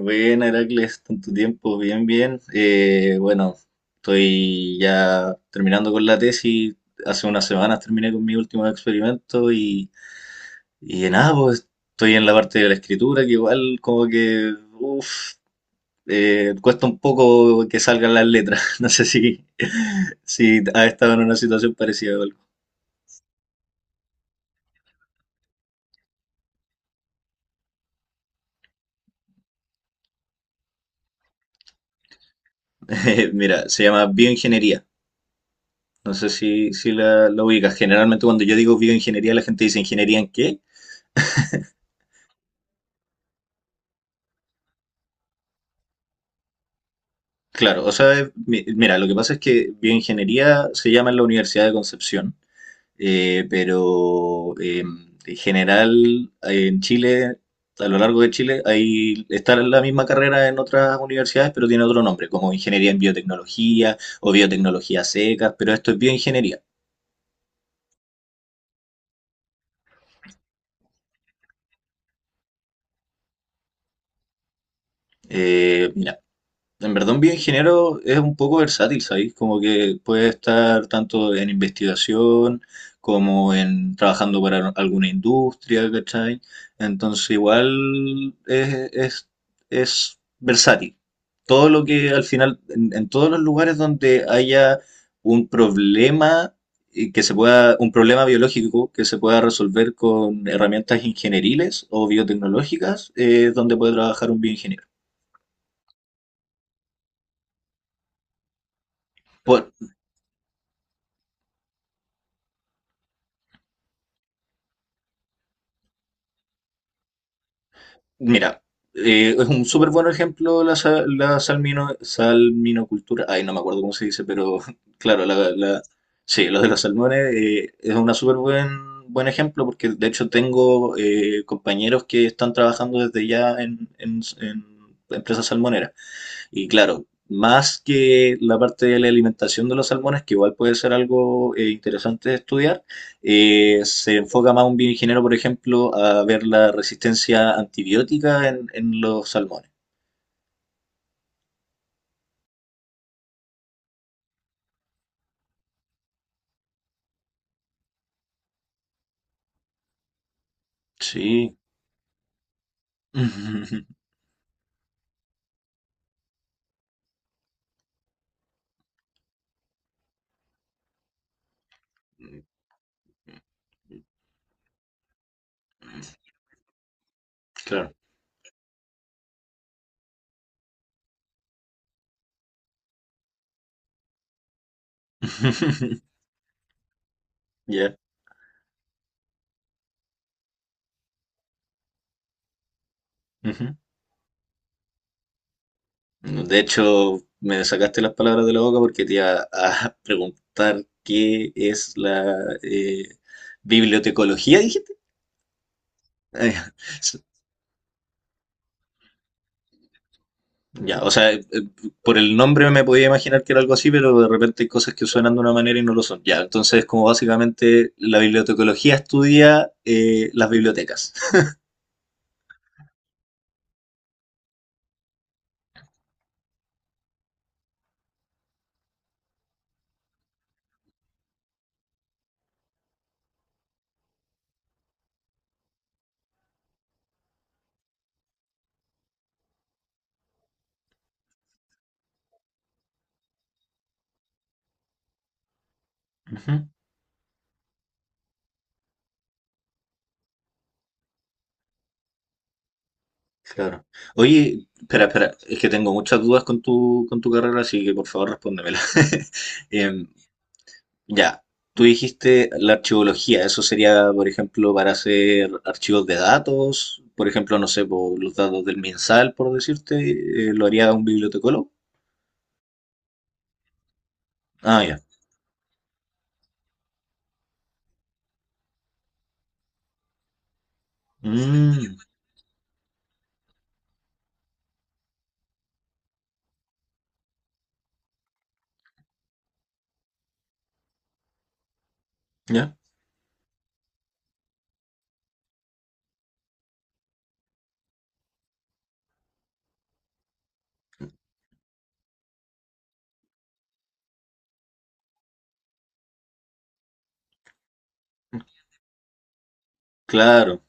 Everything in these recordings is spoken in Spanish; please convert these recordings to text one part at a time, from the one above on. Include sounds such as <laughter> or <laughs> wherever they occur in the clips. Buena, Heracles, tanto tiempo, bien, bien. Bueno, estoy ya terminando con la tesis. Hace unas semanas terminé con mi último experimento y nada, pues estoy en la parte de la escritura, que igual como que, uff, cuesta un poco que salgan las letras. <laughs> No sé si has estado en una situación parecida o algo. <laughs> Mira, se llama bioingeniería. No sé si, la ubicas. Generalmente cuando yo digo bioingeniería, la gente dice, ¿ingeniería en qué? Claro, o sea, mira, lo que pasa es que bioingeniería se llama en la Universidad de Concepción, pero en general en Chile, a lo largo de Chile, ahí está la misma carrera en otras universidades, pero tiene otro nombre, como ingeniería en biotecnología o biotecnología secas, pero esto es bioingeniería. Mira, en verdad, un bioingeniero es un poco versátil, ¿sabes? Como que puede estar tanto en investigación como en trabajando para alguna industria, ¿cachai? Entonces, igual es, es, es versátil. Todo lo que al final, en todos los lugares donde haya un problema y que se pueda, un problema biológico que se pueda resolver con herramientas ingenieriles o biotecnológicas, es donde puede trabajar un bioingeniero. Por, Mira, es un súper buen ejemplo la salminocultura. Ay, no me acuerdo cómo se dice, pero <laughs> claro, sí, lo de los salmones es un súper buen ejemplo porque de hecho tengo compañeros que están trabajando desde ya en empresas salmoneras. Y claro, más que la parte de la alimentación de los salmones, que igual puede ser algo interesante de estudiar, se enfoca más un bioingeniero, por ejemplo, a ver la resistencia antibiótica en los salmones. Sí. <laughs> Claro. <laughs> Ya. Ujú. De hecho, me sacaste las palabras de la boca porque te iba a <laughs> preguntar qué es la eh, bibliotecología, dijiste. <laughs> Ya, o sea, por el nombre me podía imaginar que era algo así, pero de repente hay cosas que suenan de una manera y no lo son. Ya, entonces como básicamente la bibliotecología estudia las bibliotecas. Ujú. Claro. Oye, espera, es que tengo muchas dudas con con tu carrera, así que por favor respóndemela. <laughs> Em, ya, tú dijiste la archivología, eso sería, por ejemplo, para hacer archivos de datos, por ejemplo, no sé, por los datos del MinSal, por decirte, lo haría un bibliotecólogo. Ah, ya. Mm, ya, claro,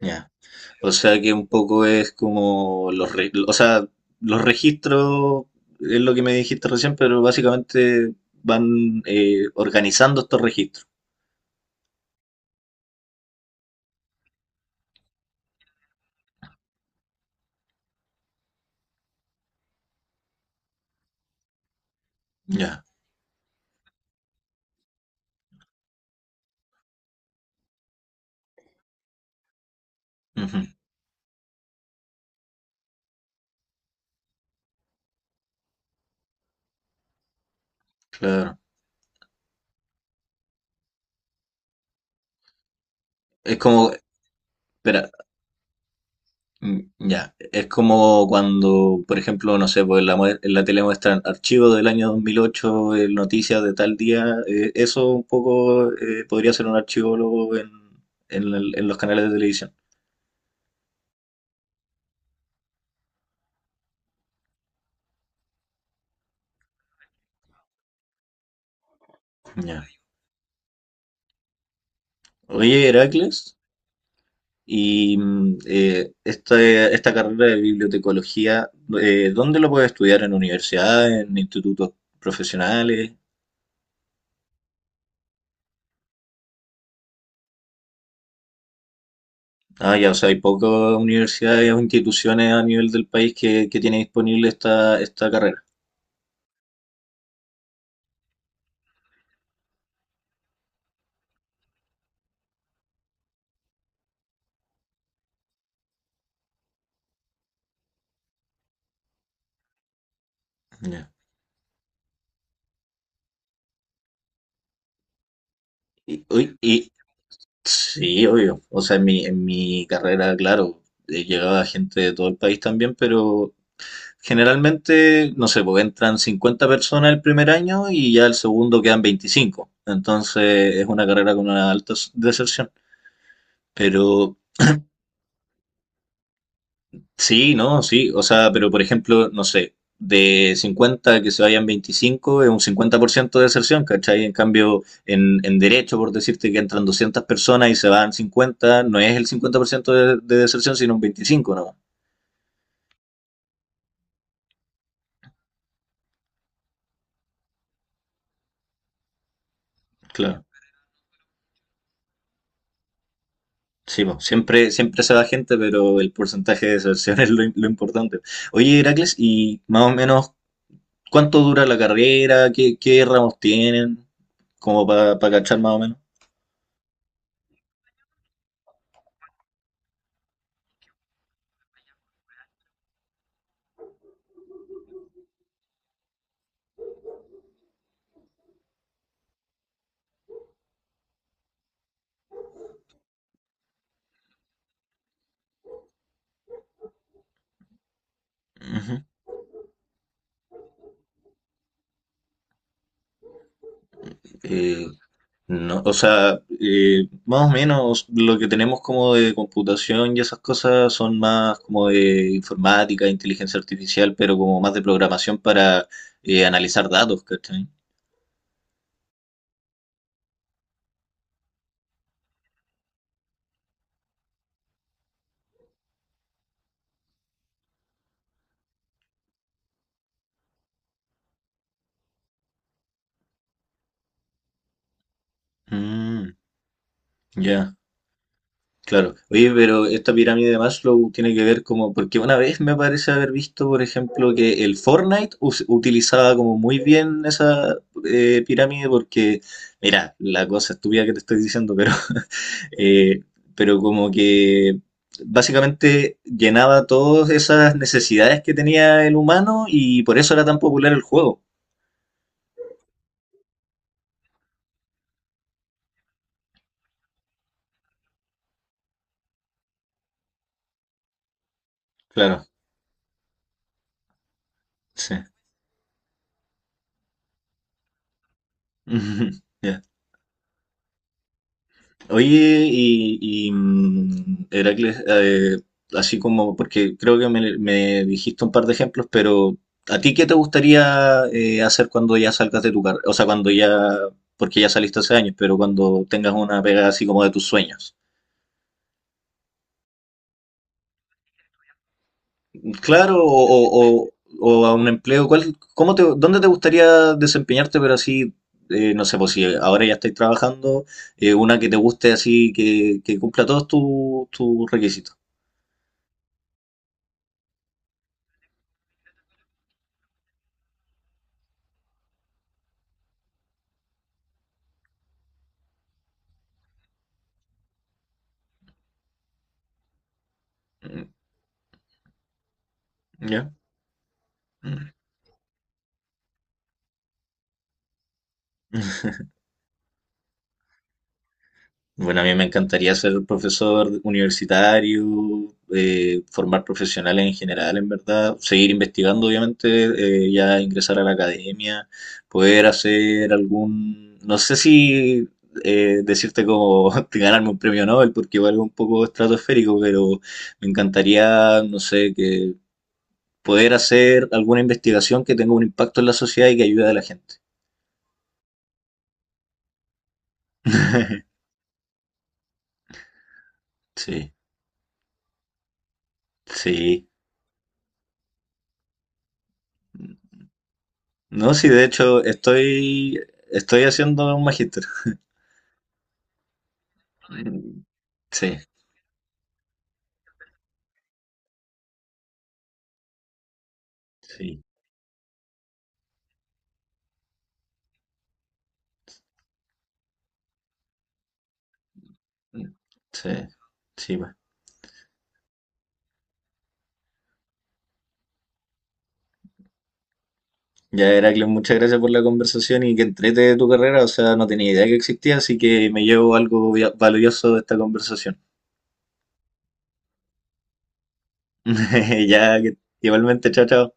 ya. O sea que un poco es como o sea, los registros, es lo que me dijiste recién, pero básicamente van organizando estos registros. Ya, ujú, claro. Es como, espera, mm, ya, es como cuando, por ejemplo, no sé, pues en en la tele muestran archivos del año 2008 noticias de tal día, eso un poco podría ser un archivólogo en, en los canales de televisión. Ya. Oye, Heracles, y esta carrera de bibliotecología, ¿dónde lo puedes estudiar? ¿En universidades, en institutos profesionales? Ah, ya, o sea, hay pocas universidades o instituciones a nivel del país que tiene disponible esta carrera. Ya. Y, uy, y- sí, obvio. O sea, en en mi carrera, claro, llegaba gente de todo el país también, pero generalmente, no sé, pues entran 50 personas el primer año y ya el segundo quedan 25. Entonces es una carrera con una alta deserción. Pero sí, no, sí. O sea, pero por ejemplo, no sé, de 50 que se vayan 25 es un 50% de deserción, ¿cachai? En cambio, en derecho, por decirte que entran 200 personas y se van 50 no es el 50% de deserción, sino un 25, ¿no? Claro. Sí, po, siempre se da gente, pero el porcentaje de deserción <laughs> es lo importante. Oye, Heracles, ¿y más o menos cuánto dura la carrera? ¿Qué ramos tienen? Como para cachar más o menos. Ujú. Eh, no, o sea, más o menos lo que tenemos como de computación y esas cosas son más como de informática, inteligencia artificial, pero como más de programación para analizar datos, ¿cachai? Mm, ya. Claro. Oye, pero esta pirámide de Maslow tiene que ver como, porque una vez me parece haber visto, por ejemplo, que el Fortnite utilizaba como muy bien esa pirámide porque, mira, la cosa estúpida que te estoy diciendo, pero, <laughs> eh, pero como que básicamente llenaba todas esas necesidades que tenía el humano y por eso era tan popular el juego. Claro, sí. <laughs> Ya. Oye, Heracles, así como, porque creo que me dijiste un par de ejemplos, pero ¿a ti qué te gustaría hacer cuando ya salgas de tu carrera? O sea, cuando ya, porque ya saliste hace años, pero cuando tengas una pega así como de tus sueños. Claro, o a un empleo, ¿cuál, cómo te, dónde te gustaría desempeñarte, pero así, no sé, pues si ahora ya estáis trabajando, una que te guste así, que cumpla todos tus tus requisitos? Mm, ¿Ya? Mm. <laughs> Bueno, a mí me encantaría ser profesor universitario, formar profesionales en general, en verdad, seguir investigando, obviamente, ya ingresar a la academia, poder hacer algún, no sé si decirte como <laughs> ganarme un premio Nobel, porque igual es un poco estratosférico, pero me encantaría, no sé, que poder hacer alguna investigación que tenga un impacto en la sociedad y que ayude a la gente. <laughs> Sí, sí. No, sí, de hecho, estoy haciendo un magíster. Mm, sí, sí, mm, sí, sí, va. Ya, Heracles, muchas gracias por la conversación y que entrete de tu carrera. O sea, no tenía idea que existía, así que me llevo algo valioso de esta conversación. <laughs> Ya, igualmente, chao, chao.